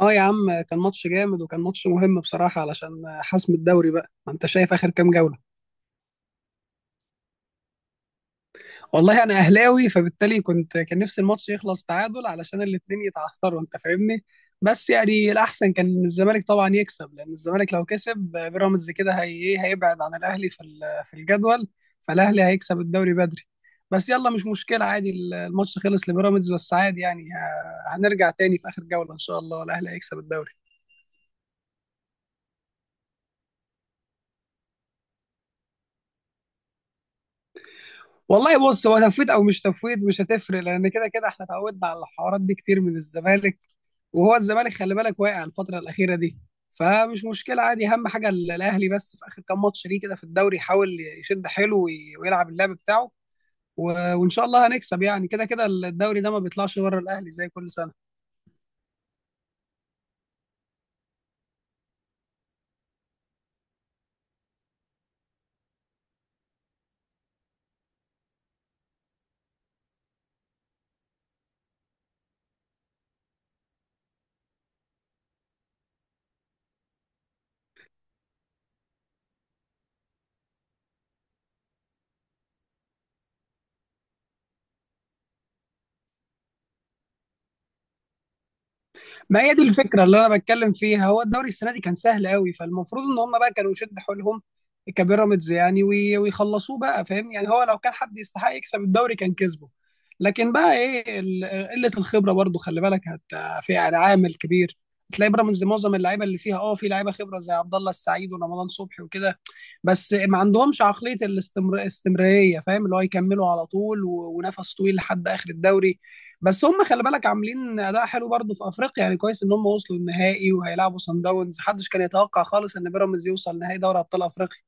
اه يا عم، كان ماتش جامد وكان ماتش مهم بصراحة علشان حسم الدوري. بقى ما انت شايف اخر كام جولة؟ والله انا اهلاوي، فبالتالي كان نفسي الماتش يخلص تعادل علشان الاتنين يتعثروا. انت فاهمني؟ بس يعني الاحسن كان إن الزمالك طبعا يكسب، لان الزمالك لو كسب بيراميدز كده هي إيه، هيبعد عن الاهلي في الجدول، فالاهلي هيكسب الدوري بدري. بس يلا مش مشكلة عادي، الماتش خلص لبيراميدز. بس عادي يعني هنرجع تاني في اخر جولة ان شاء الله الاهلي هيكسب الدوري. والله بص، هو تفويض او مش تفويض مش هتفرق، لان كده كده احنا اتعودنا على الحوارات دي كتير من الزمالك. وهو الزمالك خلي بالك واقع الفتره الاخيره دي، فمش مشكله عادي. اهم حاجه الاهلي بس في اخر كام ماتش ليه كده في الدوري يحاول يشد حيله ويلعب اللعب بتاعه، وان شاء الله هنكسب، يعني كده كده الدوري ده ما بيطلعش بره الاهلي زي كل سنه. ما هي دي الفكره اللي انا بتكلم فيها، هو الدوري السنه دي كان سهل قوي، فالمفروض ان هم بقى كانوا يشد حيلهم كبيراميدز يعني ويخلصوه. بقى فاهم يعني، هو لو كان حد يستحق يكسب الدوري كان كسبه. لكن بقى ايه، قله الخبره برضو خلي بالك في يعني عامل كبير. تلاقي بيراميدز معظم اللعيبه اللي فيها في لعيبه خبره زي عبد الله السعيد ورمضان صبحي وكده، بس ما عندهمش عقليه الاستمراريه. فاهم، اللي هو يكملوا على طول ونفس طويل لحد اخر الدوري. بس هم خلي بالك عاملين اداء حلو برضه في افريقيا، يعني كويس ان هم وصلوا النهائي وهيلعبوا سان داونز. محدش كان يتوقع خالص ان بيراميدز يوصل نهائي دوري ابطال افريقيا.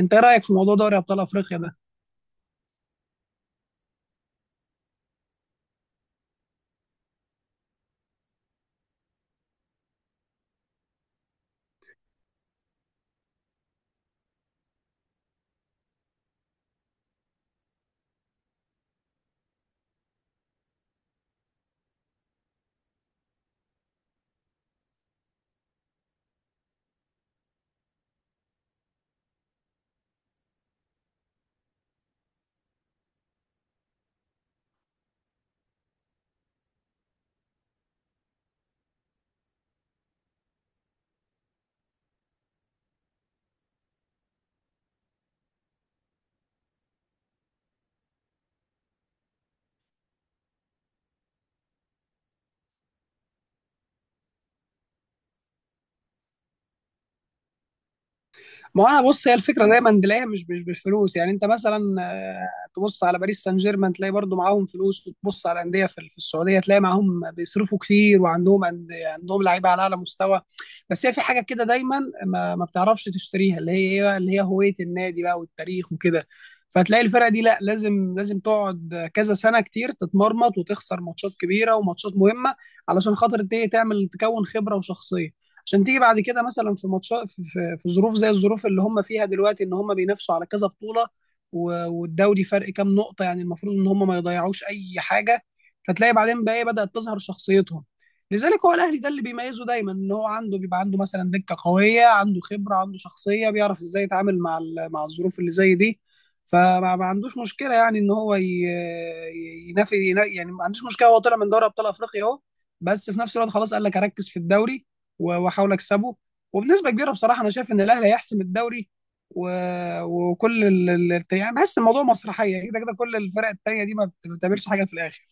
انت ايه رايك في موضوع دوري ابطال افريقيا ده؟ ما هو انا بص، هي الفكره دايما تلاقيها مش بالفلوس. يعني انت مثلا تبص على باريس سان جيرمان تلاقي برضو معاهم فلوس، وتبص على انديه في السعوديه تلاقي معاهم بيصرفوا كتير وعندهم عندهم لعيبه على اعلى مستوى. بس هي في حاجه كده دايما ما بتعرفش تشتريها، اللي هي ايه بقى، اللي هي هويه النادي بقى والتاريخ وكده. فتلاقي الفرقه دي لا، لازم لازم تقعد كذا سنه كتير تتمرمط وتخسر ماتشات كبيره وماتشات مهمه علشان خاطر دي تعمل تكون خبره وشخصيه. عشان تيجي بعد كده مثلا في ماتشات في ظروف زي الظروف اللي هم فيها دلوقتي، ان هم بينافسوا على كذا بطولة، والدوري فرق كام نقطة، يعني المفروض ان هم ما يضيعوش اي حاجة. فتلاقي بعدين بقى ايه، بدأت تظهر شخصيتهم. لذلك هو الاهلي ده اللي بيميزه دايما ان هو عنده، بيبقى عنده مثلا دكة قوية، عنده خبرة، عنده شخصية، بيعرف ازاي يتعامل مع مع الظروف اللي زي دي. فما ما عندوش مشكلة، يعني ان هو يعني ما عندوش مشكلة، هو طلع من دوري ابطال افريقيا اهو. بس في نفس الوقت خلاص قال لك اركز في الدوري واحاول اكسبه. وبنسبه كبيره بصراحه انا شايف ان الاهلي هيحسم الدوري و... وكل يعني بحس الموضوع مسرحيه كده كده، كل الفرق التانيه دي ما بتعملش حاجه في الاخر.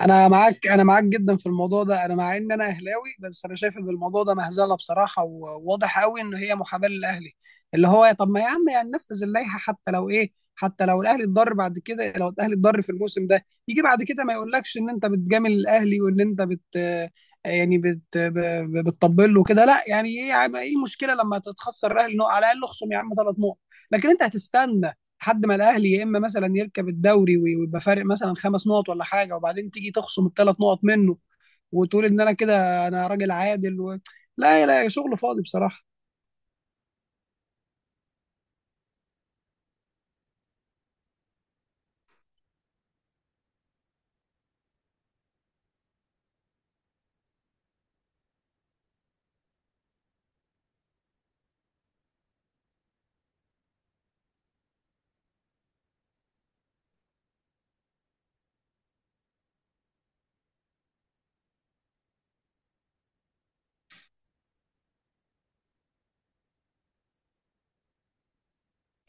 انا معاك جدا في الموضوع ده، انا مع ان انا اهلاوي، بس انا شايف ان الموضوع ده مهزله بصراحه وواضح قوي ان هي محاباه للاهلي. اللي هو طب ما يا عم، يعني ننفذ اللائحه حتى لو ايه، حتى لو الاهلي اتضر بعد كده. لو الاهلي اتضر في الموسم ده يجي بعد كده ما يقولكش ان انت بتجامل الاهلي وان انت يعني بتطبل له كده. لا يعني ايه يا عم، ايه المشكله لما تتخسر الاهلي نقط، على الاقل اخصم يا عم ثلاث نقط. لكن انت هتستنى لحد ما الاهلي يا اما مثلا يركب الدوري ويبقى فارق مثلا خمس نقط ولا حاجه، وبعدين تيجي تخصم الثلاث نقط منه وتقول ان انا كده انا راجل عادل لا لا، شغل فاضي بصراحه.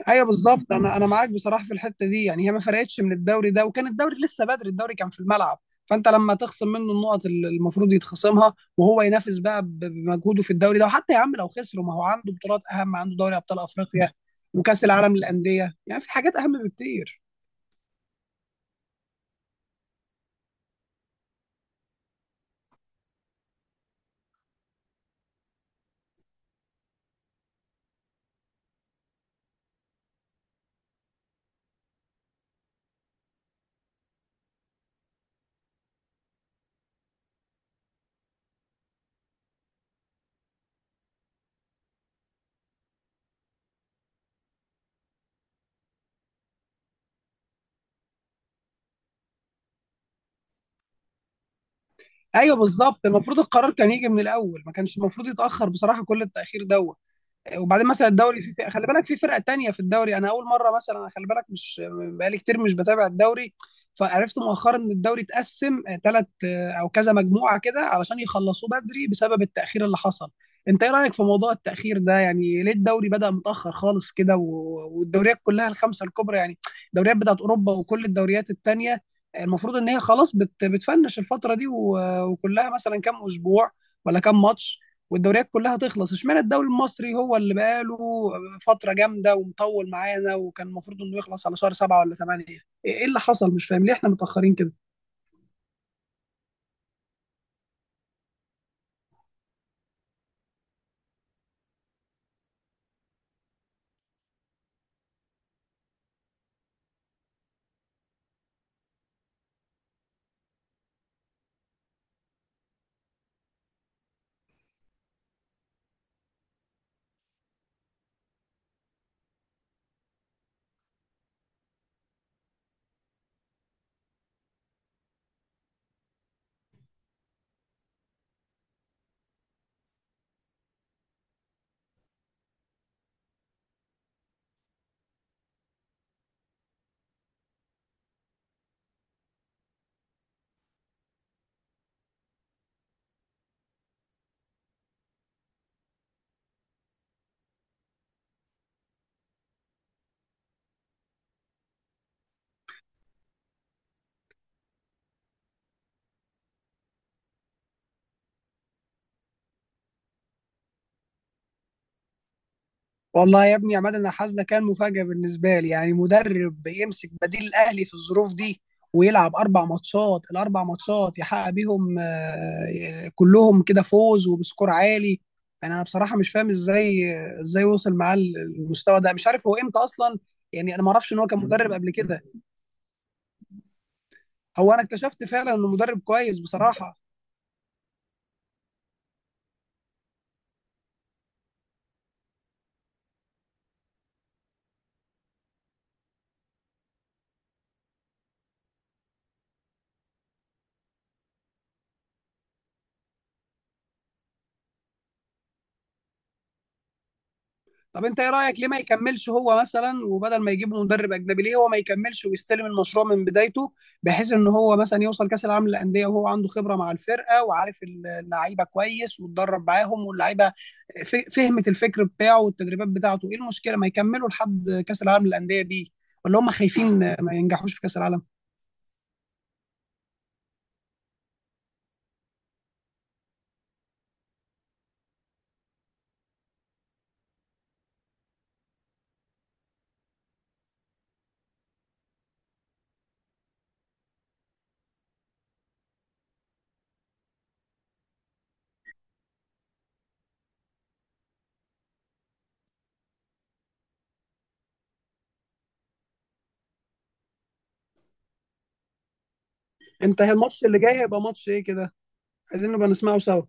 ايوه بالظبط، انا معاك بصراحه في الحته دي. يعني هي ما فرقتش من الدوري ده، وكان الدوري لسه بدري، الدوري كان في الملعب. فانت لما تخصم منه النقط اللي المفروض يتخصمها وهو ينافس بقى بمجهوده في الدوري ده. وحتى يا عم لو خسروا ما هو عنده بطولات اهم، عنده دوري ابطال افريقيا وكاس العالم للانديه، يعني في حاجات اهم بكتير. ايوه بالظبط، المفروض القرار كان يجي من الاول، ما كانش المفروض يتاخر بصراحه، كل التاخير دوت. وبعدين مثلا الدوري خلي بالك في فرقة تانية في الدوري. انا اول مرة مثلا أنا خلي بالك مش بقالي كتير مش بتابع الدوري، فعرفت مؤخرا ان الدوري اتقسم ثلاث او كذا مجموعة كده علشان يخلصوه بدري بسبب التأخير اللي حصل. انت ايه رأيك في موضوع التأخير ده؟ يعني ليه الدوري بدأ متأخر خالص كده والدوريات كلها الخمسة الكبرى، يعني الدوريات بتاعت اوروبا وكل الدوريات التانية، المفروض ان هي خلاص بتفنش الفترة دي وكلها مثلا كام اسبوع ولا كام ماتش، والدوريات كلها تخلص. اشمعنى الدوري المصري هو اللي بقاله فترة جامدة ومطول معانا، وكان المفروض انه يخلص على شهر 7 ولا 8، ايه؟ إيه اللي حصل؟ مش فاهم ليه احنا متأخرين كده. والله يا ابني يا عماد انا حاسس ده كان مفاجأة بالنسبة لي، يعني مدرب يمسك بديل الاهلي في الظروف دي ويلعب اربع ماتشات، الاربع ماتشات يحقق بيهم كلهم كده فوز وبسكور عالي. يعني انا بصراحة مش فاهم ازاي، وصل معاه المستوى ده. مش عارف هو امتى اصلا. يعني انا ما اعرفش ان هو كان مدرب قبل كده، هو انا اكتشفت فعلا انه مدرب كويس بصراحه. طب انت ايه رايك ليه ما يكملش هو مثلا، وبدل ما يجيب مدرب اجنبي ليه هو ما يكملش ويستلم المشروع من بدايته، بحيث ان هو مثلا يوصل كاس العالم للانديه وهو عنده خبره مع الفرقه وعارف اللعيبه كويس واتدرب معاهم واللعيبه فهمت الفكر بتاعه والتدريبات بتاعته. ايه المشكله ما يكملوا لحد كاس العالم للانديه بيه؟ ولا هم خايفين ما ينجحوش في كاس العالم؟ انت الماتش اللي جاي هيبقى ماتش ايه كده؟ عايزين نبقى نسمعه سوا.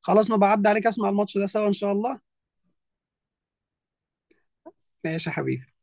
خلاص نبقى عدى عليك اسمع الماتش ده سوا ان شاء الله. ماشي يا حبيبي.